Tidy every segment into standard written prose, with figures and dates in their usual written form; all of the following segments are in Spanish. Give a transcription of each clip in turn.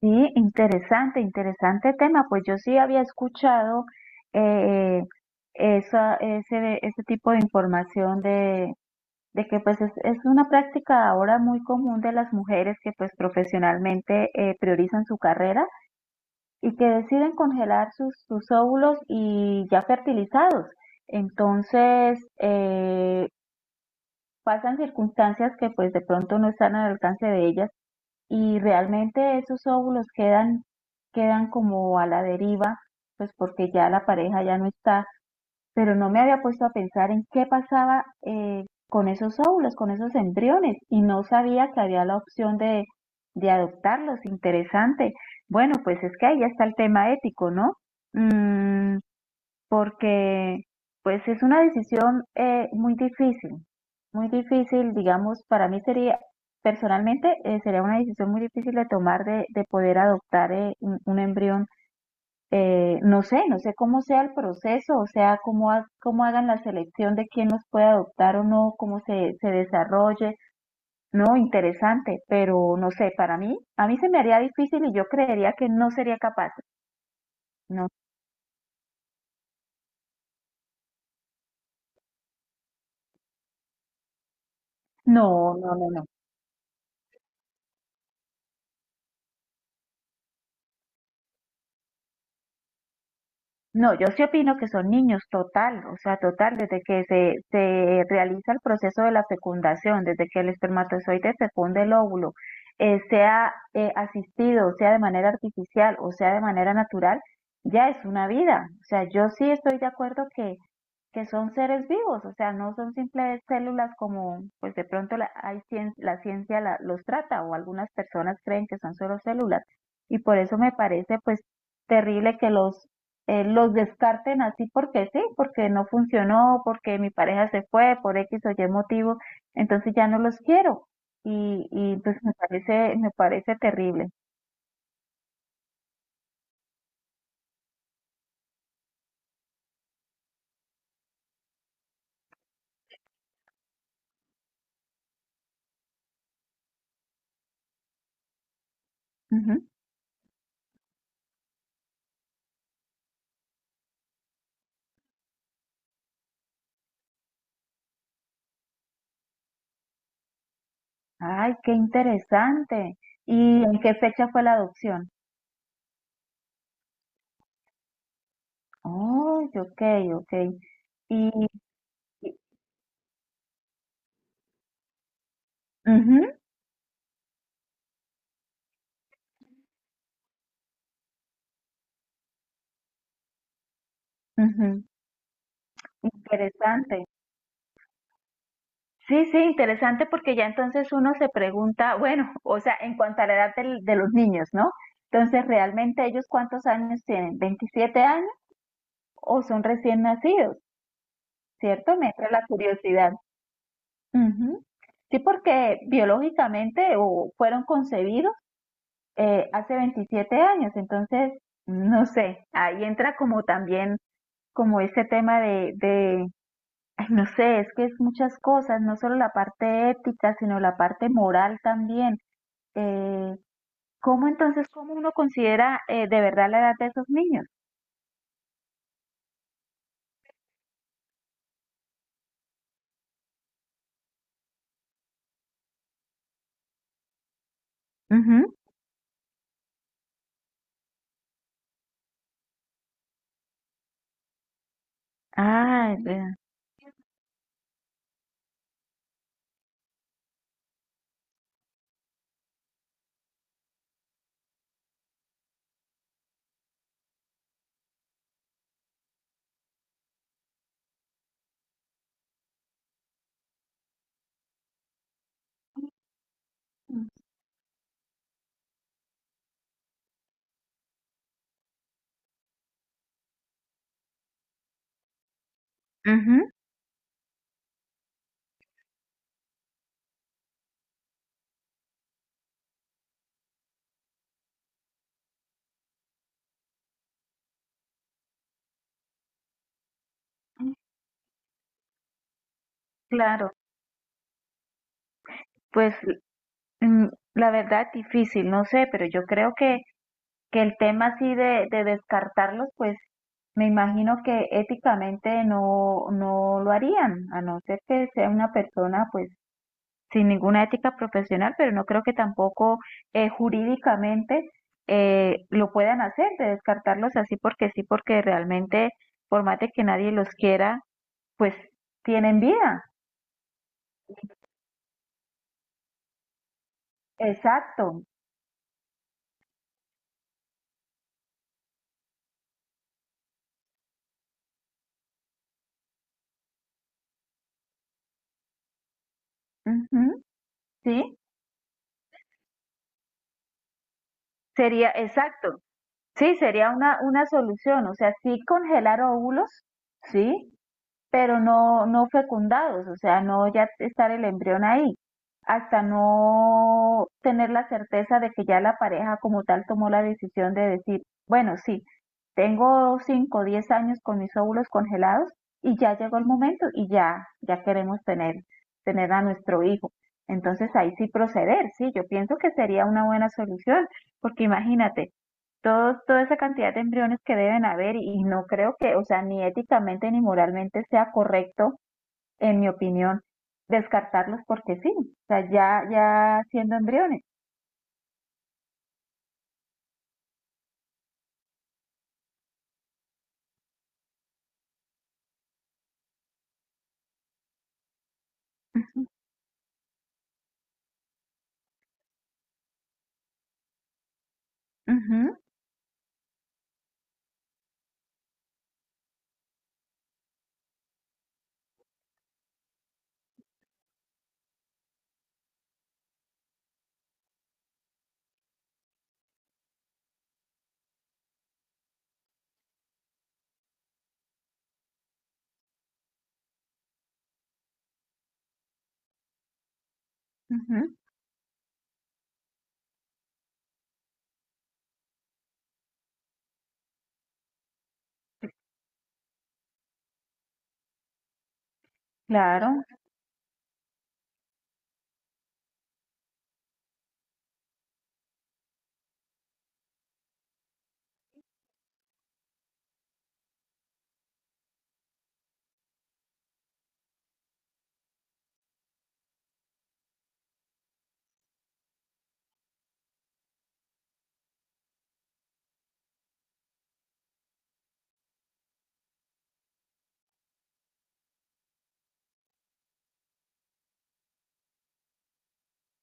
Sí, interesante, interesante tema. Pues yo sí había escuchado eh, ese tipo de información de que pues es una práctica ahora muy común de las mujeres que pues profesionalmente priorizan su carrera y que deciden congelar sus óvulos y ya fertilizados. Entonces, pasan circunstancias que pues de pronto no están al alcance de ellas y realmente esos óvulos quedan como a la deriva, pues porque ya la pareja ya no está, pero no me había puesto a pensar en qué pasaba con esos óvulos, con esos embriones, y no sabía que había la opción de adoptarlos, interesante. Bueno, pues es que ahí ya está el tema ético, ¿no? Mm, porque pues es una decisión muy difícil, digamos, para mí sería, personalmente, sería una decisión muy difícil de tomar de poder adoptar un embrión. No sé, no sé cómo sea el proceso, o sea, cómo, cómo hagan la selección de quién los puede adoptar o no, cómo se desarrolle. No, interesante, pero no sé, para mí, a mí se me haría difícil y yo creería que no sería capaz. No, no, no, no, no. No, yo sí opino que son niños total, o sea, total, desde que se realiza el proceso de la fecundación, desde que el espermatozoide fecunde el óvulo, sea asistido, sea de manera artificial o sea de manera natural, ya es una vida. O sea, yo sí estoy de acuerdo que son seres vivos, o sea, no son simples células como, pues de pronto la ciencia los trata o algunas personas creen que son solo células. Y por eso me parece, pues, terrible que los descarten así porque sí, porque no funcionó, porque mi pareja se fue por X o Y motivo, entonces ya no los quiero. Y pues me parece terrible. Ujú. Ay, qué interesante. ¿Y en qué fecha fue la adopción? Oh, ok, ok. Y, y- ujú, ujú. Interesante. Sí, sí, interesante porque ya entonces uno se pregunta, bueno, o sea, en cuanto a la edad de los niños, ¿no? Entonces, ¿realmente ellos cuántos años tienen? ¿27 años o son recién nacidos? ¿Cierto? Me entra la curiosidad. Ujú. Sí, porque biológicamente o fueron concebidos hace 27 años, entonces, no sé, ahí entra como también como ese tema ay, no sé, es que es muchas cosas, no solo la parte ética, sino la parte moral también. Eh, ¿Cómo entonces, cómo uno considera de verdad la edad de esos niños? Ujú. Ah, vea. Ujú. Claro, pues mm, la verdad difícil, no sé, pero yo creo que el tema así de descartarlos, pues me imagino que éticamente no, no lo harían, a no ser que sea una persona pues sin ninguna ética profesional, pero no creo que tampoco jurídicamente lo puedan hacer, de descartarlos así porque sí, porque realmente, por más de que nadie los quiera, pues tienen vida. Exacto. Ujú. Sí, sería, exacto. Sí, sería una solución. O sea, sí congelar óvulos, sí, pero no, no fecundados, o sea, no ya estar el embrión ahí, hasta no tener la certeza de que ya la pareja como tal tomó la decisión de decir, bueno, sí, tengo 5 o 10 años con mis óvulos congelados y ya llegó el momento y ya queremos tener a nuestro hijo. Entonces ahí sí proceder, sí, yo pienso que sería una buena solución, porque imagínate, todos, toda esa cantidad de embriones que deben haber y no creo que, o sea, ni éticamente ni moralmente sea correcto, en mi opinión, descartarlos porque sí, o sea, ya siendo embriones. Ujú, ujú, ujú, claro.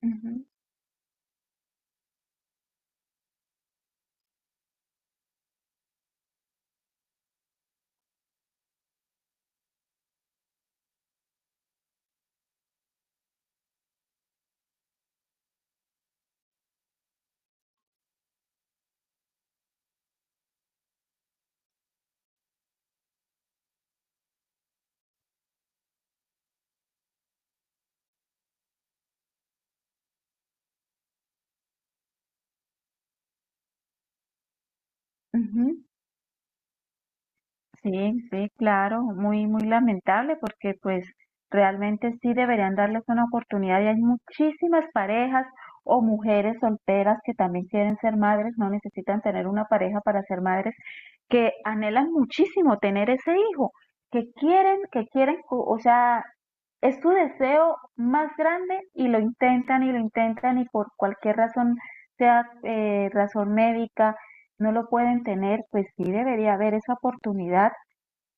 Ujú, ujú. Sí, sí, claro, muy, muy lamentable porque pues realmente sí deberían darles una oportunidad y hay muchísimas parejas o mujeres solteras que también quieren ser madres, no necesitan tener una pareja para ser madres, que anhelan muchísimo tener ese hijo, que quieren, o sea, es su deseo más grande y lo intentan y lo intentan y por cualquier razón, sea razón médica, no lo pueden tener, pues sí debería haber esa oportunidad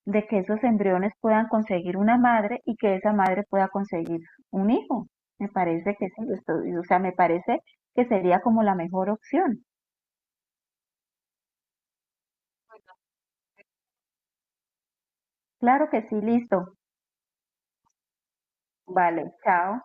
de que esos embriones puedan conseguir una madre y que esa madre pueda conseguir un hijo. Me parece que sí, o sea, me parece que sería como la mejor opción. Claro que sí, listo. Vale, chao.